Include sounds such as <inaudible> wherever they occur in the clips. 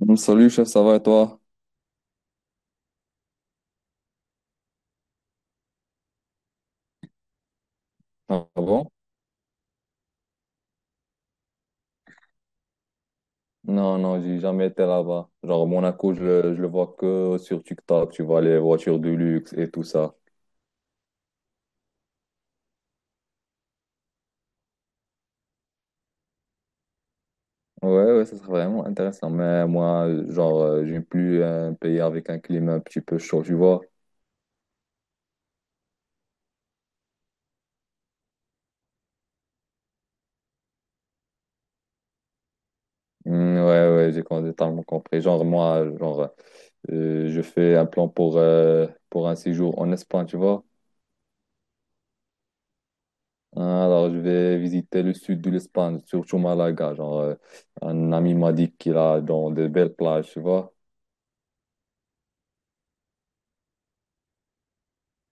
Salut chef, ça va et toi? Ah bon? Non, non, j'ai jamais été là-bas. Genre Monaco, je le vois que sur TikTok, tu vois les voitures de luxe et tout ça. Ouais, ouais, ça serait vraiment intéressant. Mais moi, genre, j'aime plus un pays avec un climat un petit peu chaud, tu vois? Ouais, ouais, totalement compris. Genre moi, genre, je fais un plan pour un séjour en Espagne, tu vois? Ah, alors, je vais visiter le sud de l'Espagne, surtout Malaga. Genre, un ami m'a dit qu'il a dans de belles plages, tu vois.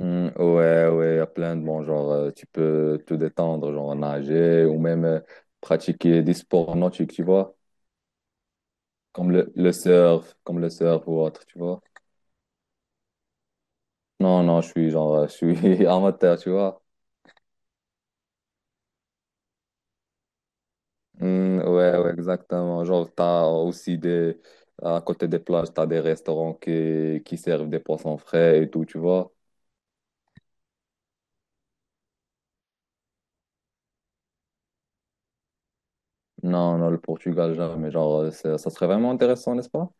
Hmm, ouais, ouais, il y a plein de bons. Genre, tu peux te détendre, genre nager ou même pratiquer des sports nautiques, tu vois. Comme le surf, comme le surf ou autre, tu vois. Non, non, je suis genre, je suis <laughs> amateur, tu vois. Hmm, ouais, ouais, exactement. Genre, à côté des plages, t'as des restaurants qui servent des poissons frais et tout, tu vois. Non, non, le Portugal, jamais. Genre, ça serait vraiment intéressant, n'est-ce pas?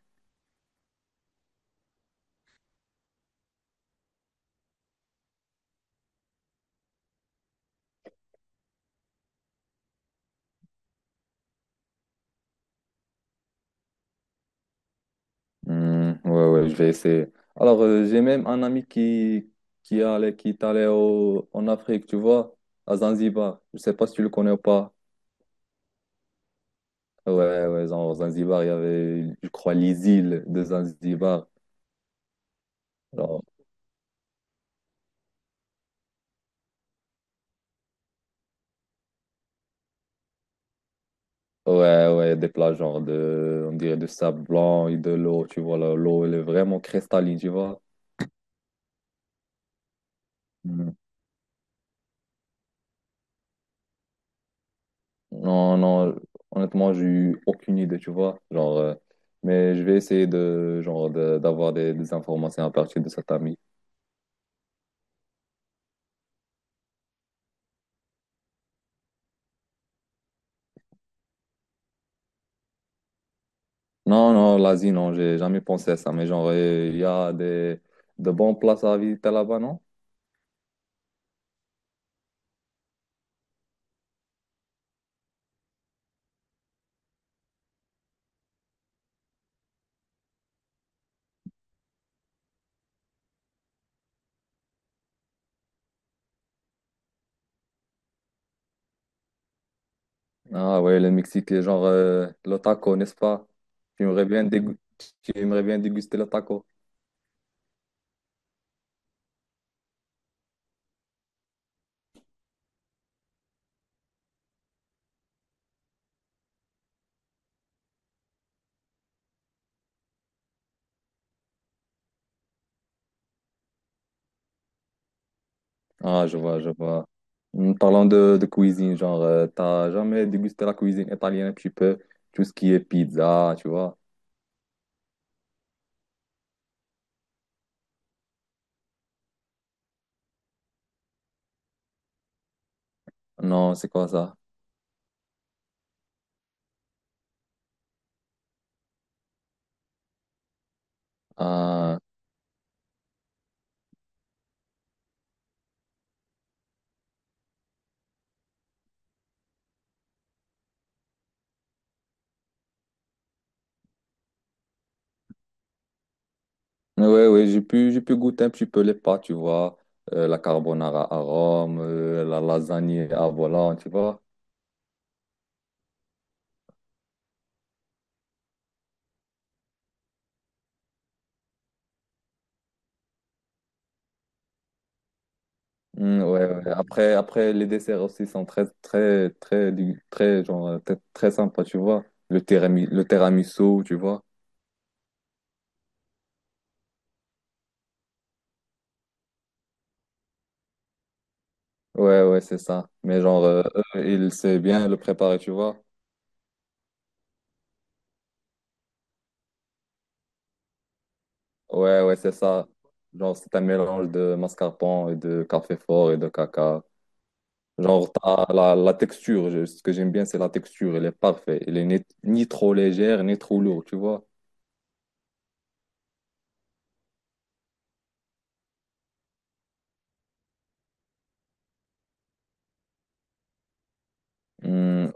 Hmm, ouais, ouais, je vais essayer. Alors, j'ai même un ami qui allait qui est allé en Afrique, tu vois, à Zanzibar. Je sais pas si tu le connais ou pas. Ouais, ouais, genre, Zanzibar, il y avait, je crois, les îles de Zanzibar. Alors, ouais, ouais, des plages, genre, de, on dirait, de sable blanc et de l'eau, tu vois, là, l'eau, elle est vraiment cristalline, tu vois. Hmm. Non, non, honnêtement, j'ai eu aucune idée, tu vois. Genre, mais je vais essayer de, genre, d'avoir des informations à partir de cet ami. Non, non, l'Asie, non, j'ai jamais pensé à ça. Mais genre, il y a des, de bonnes places à visiter là-bas, non? Ah ouais, le Mexique, genre, le taco, n'est-ce pas? Tu aimerais bien dégu- Tu aimerais bien déguster le taco. Ah, je vois, je vois. Parlons de cuisine, genre, t'as jamais dégusté la cuisine italienne un petit peu, tout ce qui est pizza, tu vois. Non, c'est comme ça. Euh, ouais, ouais, j'ai pu goûter un petit peu les pâtes, tu vois. La carbonara à Rome, la lasagne à volant, tu vois. Mm, ouais, ouais. Après, les desserts aussi sont très, genre, très, très sympas, tu vois. Le tiramisu, tu vois. Ouais, ouais, c'est ça. Mais genre, eux, ils savent bien le préparer, tu vois. Ouais, ouais, c'est ça. Genre, c'est un mélange de mascarpone et de café fort et de caca. Genre, la texture, ce que j'aime bien, c'est la texture, elle est parfaite. Elle est ni, ni trop légère, ni trop lourde, tu vois. Hmm,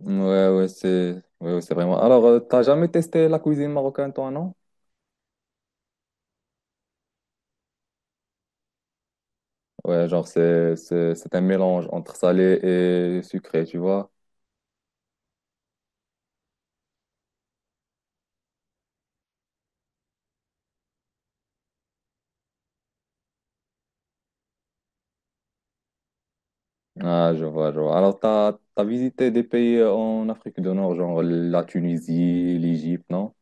ouais, ouais, ouais, c'est vraiment. Alors, t'as jamais testé la cuisine marocaine, toi, non? Ouais, genre, c'est un mélange entre salé et sucré, tu vois. Ah, je vois, je vois. Alors, t'as visité des pays en Afrique du Nord, genre la Tunisie, l'Égypte, non?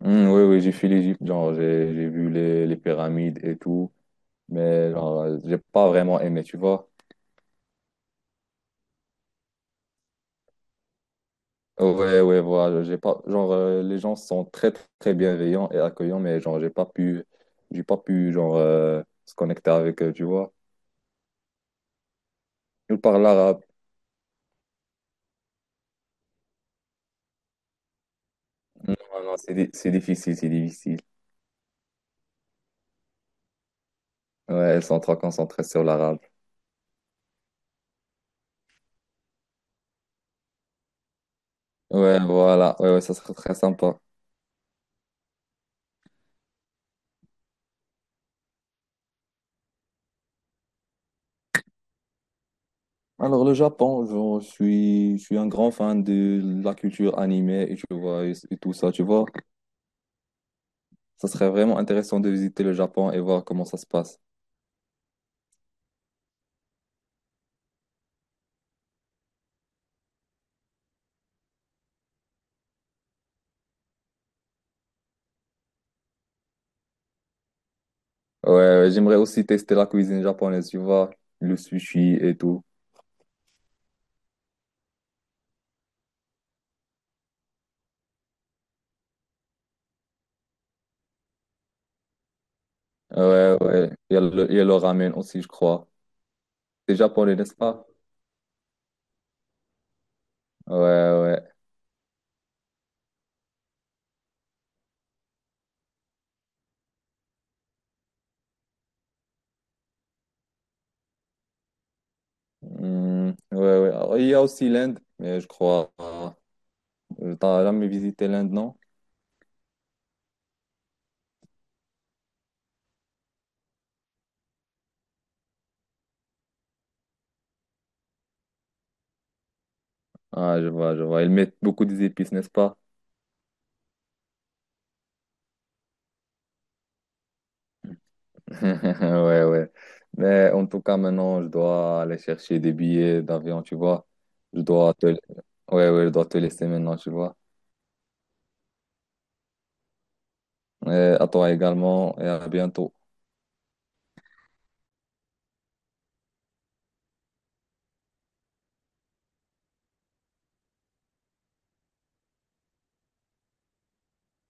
Hmm, oui, oui, j'ai fait l'Égypte, genre, j'ai vu les pyramides et tout. Mais genre, j'ai pas vraiment aimé, tu vois. Ouais, ouais, voilà, j'ai pas, genre, les gens sont très, très bienveillants et accueillants, mais genre, j'ai pas pu, genre, se connecter avec eux, tu vois. Ils parlent l'arabe. Non, non, c'est difficile, c'est difficile. Ouais, ils sont trop concentrés sur l'arabe. Ouais, voilà, ouais, ouais, ça serait très sympa. Alors, le Japon, genre, je suis un grand fan de la culture animée et tu vois, et tout ça, tu vois. Ça serait vraiment intéressant de visiter le Japon et voir comment ça se passe. Ouais, ouais, j'aimerais aussi tester la cuisine japonaise, tu vois, le sushi et tout. Ouais, ouais, il y a le ramen aussi, je crois. C'est japonais, n'est-ce pas? Ouais, ouais. Hmm, ouais, ouais. Alors, il y a aussi l'Inde, mais je crois. T'as jamais visité l'Inde, non? Ah, je vois, je vois. Ils mettent beaucoup d'épices, n'est-ce pas? <laughs> Ouais, ouais. Mais en tout cas, maintenant, je dois aller chercher des billets d'avion, tu vois. Je dois te... ouais, ouais, je dois te laisser maintenant, tu vois. Et à toi également, et à bientôt.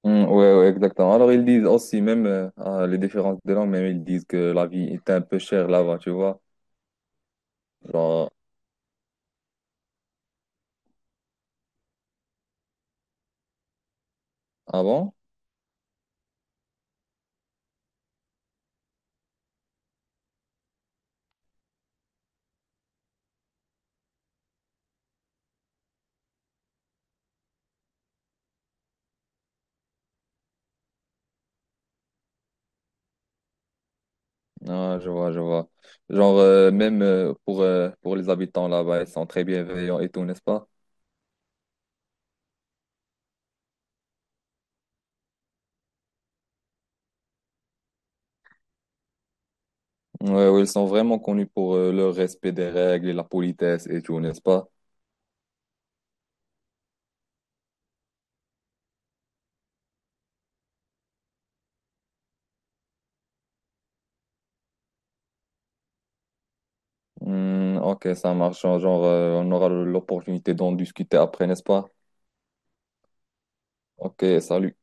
Mm, ouais, ouais, exactement. Alors, ils disent aussi, même les différences de langue, même ils disent que la vie est un peu chère là-bas, tu vois. Genre, ah bon? Ah, je vois, je vois. Genre, même pour les habitants là-bas, ils sont très bienveillants et tout, n'est-ce pas? Mm, ouais, ouais, ils sont vraiment connus pour leur respect des règles et la politesse et tout, n'est-ce pas? Mm, ok, ça marche. Genre, on aura l'opportunité d'en discuter après, n'est-ce pas? Ok, salut.